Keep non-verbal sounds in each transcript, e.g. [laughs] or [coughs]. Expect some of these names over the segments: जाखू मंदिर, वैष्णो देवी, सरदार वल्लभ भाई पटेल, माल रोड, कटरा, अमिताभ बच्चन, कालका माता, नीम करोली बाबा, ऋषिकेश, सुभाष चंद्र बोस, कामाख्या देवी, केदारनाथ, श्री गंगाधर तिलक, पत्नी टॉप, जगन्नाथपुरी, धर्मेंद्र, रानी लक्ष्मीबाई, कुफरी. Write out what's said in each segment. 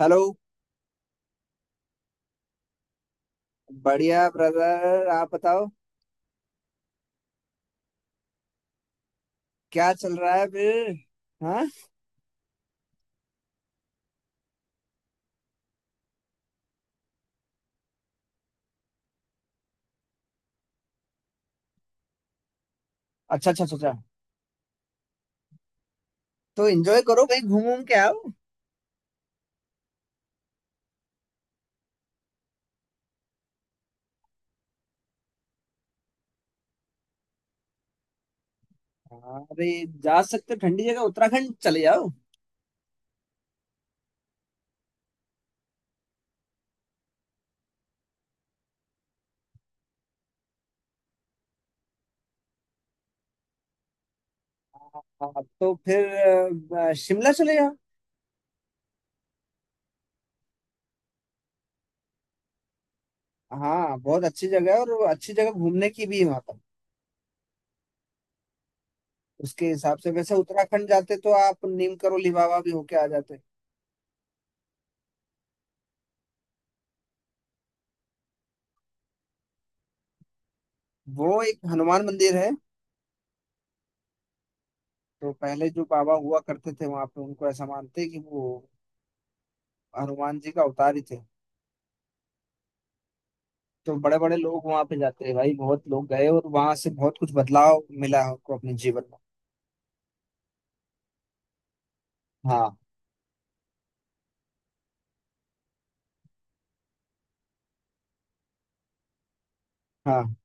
Hello. बढ़िया brother आप बताओ। क्या चल रहा है फिर? हाँ। अच्छा अच्छा अच्छा अच्छा। तो एंजॉय करो कहीं घूम घूम के आओ। हाँ, अरे जा सकते हो ठंडी जगह उत्तराखंड चले जाओ। हाँ, तो फिर शिमला चले जाओ। हाँ बहुत अच्छी जगह है और वो अच्छी जगह घूमने की भी है वहाँ पर। उसके हिसाब से वैसे उत्तराखंड जाते तो आप नीम करोली बाबा भी होके आ जाते। वो एक हनुमान मंदिर है। तो पहले जो बाबा हुआ करते थे वहां पे उनको ऐसा मानते हैं कि वो हनुमान जी का अवतार ही थे। तो बड़े बड़े लोग वहां पे जाते हैं भाई, बहुत लोग गए और वहां से बहुत कुछ बदलाव मिला है उनको अपने जीवन में। हाँ हाँ।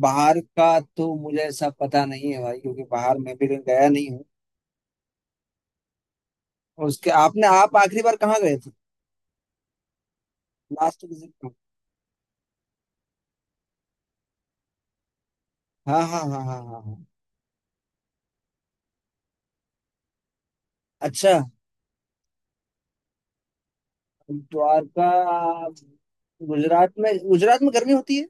बाहर का तो मुझे ऐसा पता नहीं है भाई क्योंकि बाहर मैं भी गया नहीं हूँ। और उसके आपने आप आखिरी बार कहाँ गए थे? Last visit. कहाँ? हाँ हाँ हाँ हाँ हाँ हाँ। अच्छा। द्वारका। गुजरात में, गुजरात में गर्मी होती है।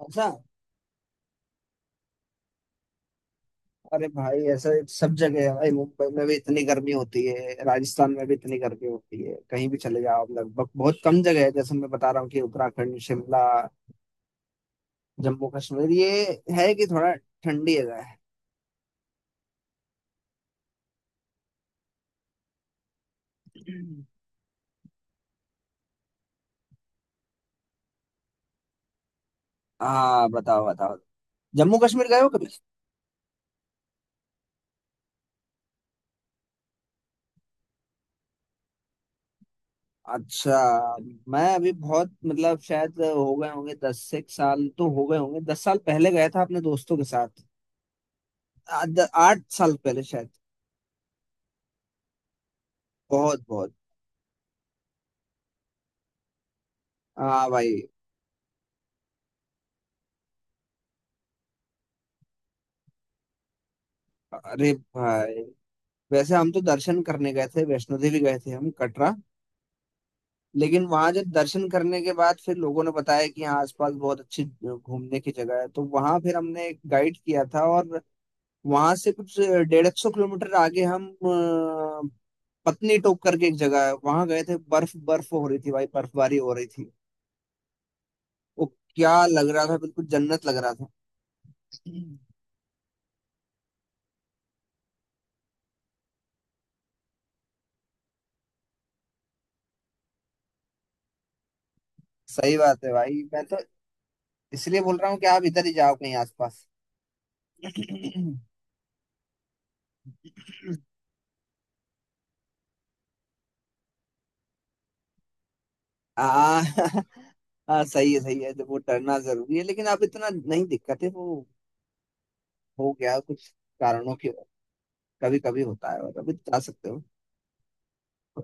अच्छा। अरे भाई ऐसा सब जगह है भाई, मुंबई में भी इतनी गर्मी होती है, राजस्थान में भी इतनी गर्मी होती है, कहीं भी चले जाओ आप। लगभग बहुत कम जगह है जैसे मैं बता रहा हूँ कि उत्तराखंड, शिमला, जम्मू कश्मीर, ये है कि थोड़ा ठंडी जगह है। हाँ बताओ बताओ। जम्मू कश्मीर गए हो कभी? अच्छा। मैं अभी बहुत, मतलब शायद हो गए होंगे दस से एक साल, तो हो गए होंगे 10 साल पहले गया था अपने दोस्तों के साथ। 8 साल पहले शायद। बहुत बहुत। हाँ भाई। अरे भाई। वैसे हम तो दर्शन करने गए थे, वैष्णो देवी गए थे हम, कटरा। लेकिन वहां जब दर्शन करने के बाद फिर लोगों ने बताया कि यहाँ आसपास बहुत अच्छी घूमने की जगह है, तो वहां फिर हमने एक गाइड किया था और वहां से कुछ डेढ़ एक सौ किलोमीटर आगे हम पत्नी टॉप करके एक जगह है, वहां गए थे। बर्फ बर्फ हो रही थी भाई, बर्फबारी हो रही थी वो। क्या लग रहा था, बिल्कुल जन्नत लग रहा था। सही बात है भाई, मैं तो इसलिए बोल रहा हूँ कि आप इधर ही जाओ कहीं आसपास। आ, [laughs] हाँ सही है सही है, जब वो डरना जरूरी है लेकिन अब इतना नहीं दिक्कत है वो। हो गया कुछ कारणों के। कभी कभी होता है और अभी जा सकते हो,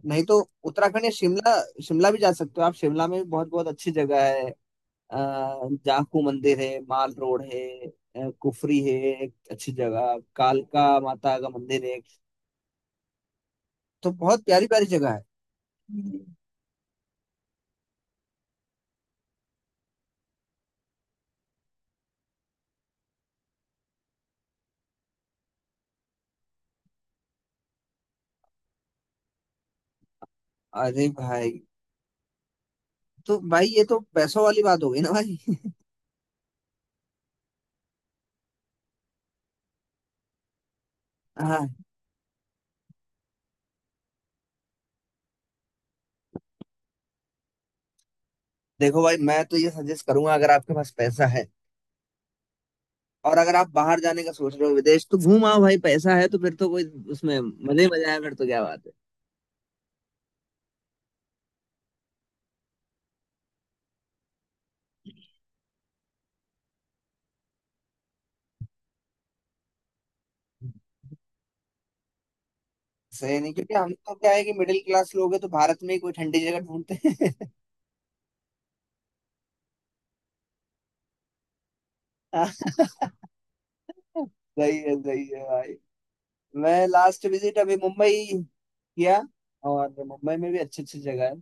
नहीं तो उत्तराखंड या शिमला। शिमला भी जा सकते हो आप, शिमला में भी बहुत बहुत अच्छी जगह है। अ, जाखू मंदिर है, माल रोड है, कुफरी है, एक अच्छी जगह कालका माता का मंदिर है। तो बहुत प्यारी प्यारी जगह है। अरे भाई। तो भाई ये तो पैसों वाली बात हो गई ना भाई। हाँ, देखो भाई मैं तो ये सजेस्ट करूंगा, अगर आपके पास पैसा है और अगर आप बाहर जाने का सोच रहे हो विदेश, तो घूम आओ भाई। पैसा है तो फिर तो कोई, उसमें मजे ही मजा है, फिर तो क्या बात है। सही नहीं, क्योंकि हम तो क्या है कि मिडिल क्लास लोग हैं तो भारत में ही कोई ठंडी जगह ढूंढते हैं। [laughs] सही है भाई। मैं लास्ट विजिट अभी मुंबई किया, और मुंबई में भी अच्छी अच्छी जगह है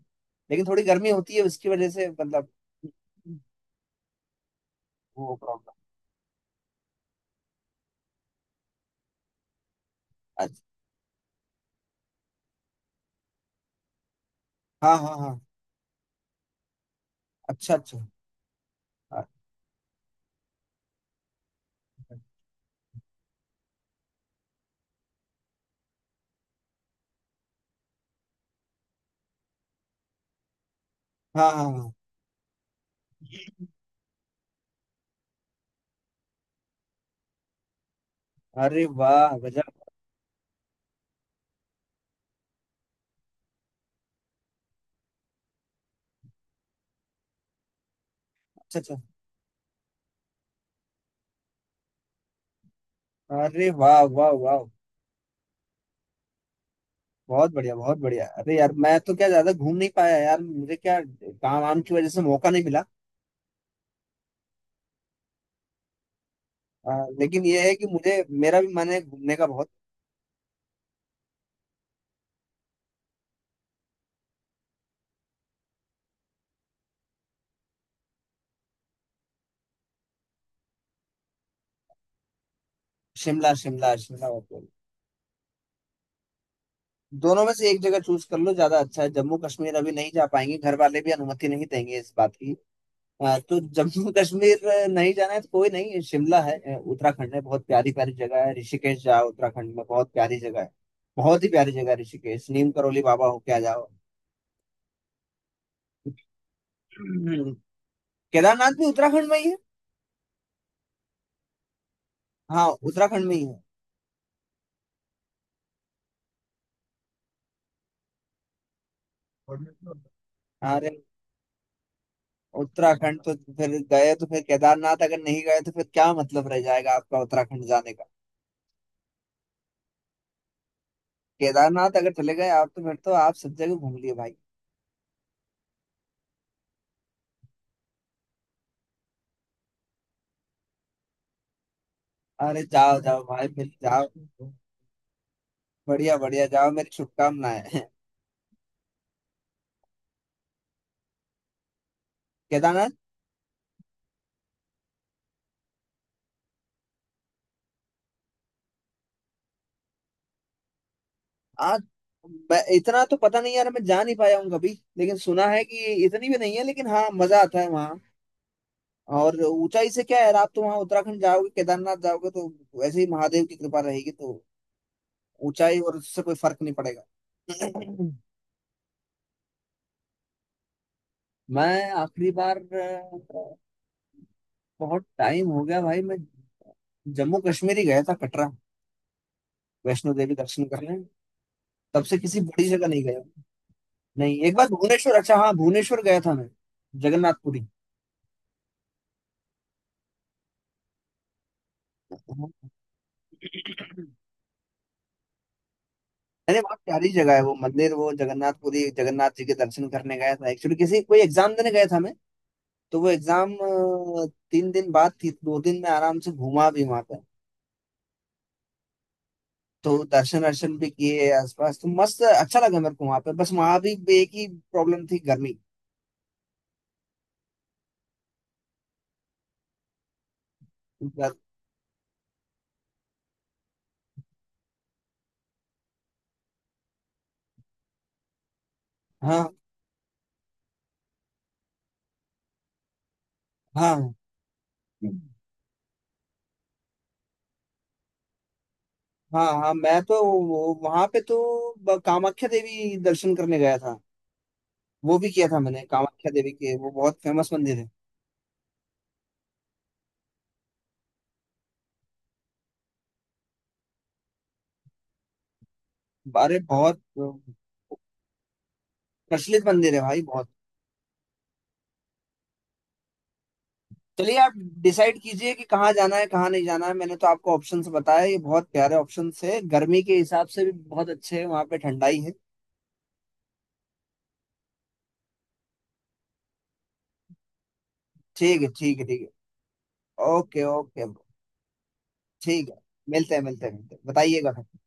लेकिन थोड़ी गर्मी होती है, उसकी वजह से मतलब वो प्रॉब्लम। अच्छा। हाँ हाँ हाँ। अच्छा अच्छा। हाँ हाँ हाँ। अरे वाह गजब। अच्छा अच्छा। अरे वाह वाह वाह। बहुत बढ़िया बहुत बढ़िया, अरे यार मैं तो क्या, ज्यादा घूम नहीं पाया यार, मुझे क्या काम वाम की वजह से मौका नहीं मिला। लेकिन यह है कि मुझे, मेरा भी मन है घूमने का बहुत। शिमला शिमला शिमला बहुत बढ़िया। दोनों में से एक जगह चूज कर लो, ज्यादा अच्छा है। जम्मू कश्मीर अभी नहीं जा पाएंगे, घर वाले भी अनुमति नहीं देंगे इस बात की। हाँ, तो जम्मू कश्मीर नहीं जाना है तो कोई नहीं, शिमला है उत्तराखंड है, बहुत प्यारी प्यारी जगह है। ऋषिकेश जाओ, उत्तराखंड में बहुत प्यारी जगह है। बहुत ही प्यारी जगह है ऋषिकेश, नीम करोली बाबा होके आ जाओ। हम्म, केदारनाथ भी उत्तराखंड में ही है। हाँ उत्तराखंड में ही है। अरे उत्तराखंड तो फिर गए तो फिर केदारनाथ अगर नहीं गए तो फिर क्या मतलब रह जाएगा आपका उत्तराखंड जाने का। केदारनाथ अगर चले गए आप, तो फिर तो आप सब जगह घूम लिए भाई। अरे जाओ जाओ भाई, फिर जाओ। बढ़िया बढ़िया, जाओ, मेरी शुभकामनाएं। केदारनाथ। आज मैं इतना तो पता नहीं यार, मैं जा नहीं पाया हूँ कभी, लेकिन सुना है कि इतनी भी नहीं है, लेकिन हाँ मजा आता है वहाँ। और ऊंचाई से क्या है, आप तो वहाँ उत्तराखंड जाओगे, केदारनाथ जाओगे तो वैसे ही महादेव की कृपा रहेगी, तो ऊंचाई और उससे कोई फर्क नहीं पड़ेगा। [coughs] [clears throat] मैं आखिरी बार बहुत टाइम हो गया भाई, मैं जम्मू कश्मीर ही गया था, कटरा, वैष्णो देवी दर्शन करने। तब से किसी बड़ी जगह नहीं गया। नहीं एक बार भुवनेश्वर, अच्छा हाँ, भुवनेश्वर गया था मैं, जगन्नाथपुरी। अरे बहुत प्यारी जगह है वो मंदिर, वो जगन्नाथपुरी, जगन्नाथ जी के दर्शन करने गया था। एक्चुअली किसी, कोई एग्जाम देने गया था मैं। तो वो एग्जाम 3 दिन बाद थी, 2 दिन में आराम से घूमा भी वहां पे, तो दर्शन दर्शन भी किए आसपास, तो मस्त अच्छा लगा मेरे को वहां पे। बस वहां भी एक ही प्रॉब्लम थी, गर्मी। हाँ हाँ हाँ हाँ, मैं तो वहां पे तो कामाख्या देवी दर्शन करने गया था, वो भी किया था मैंने, कामाख्या देवी के, वो बहुत फेमस मंदिर है। अरे बहुत प्रचलित मंदिर है भाई, बहुत। चलिए आप डिसाइड कीजिए कि कहाँ जाना है कहाँ नहीं जाना है। मैंने तो आपको ऑप्शंस बताए, ये बहुत प्यारे ऑप्शंस है, गर्मी के हिसाब से भी बहुत अच्छे हैं, वहाँ पे ठंडाई है। ठीक है ठीक है ठीक है। Okay okay. ठीक है। मिलते हैं मिलते हैं मिलते हैं, बताइएगा फिर।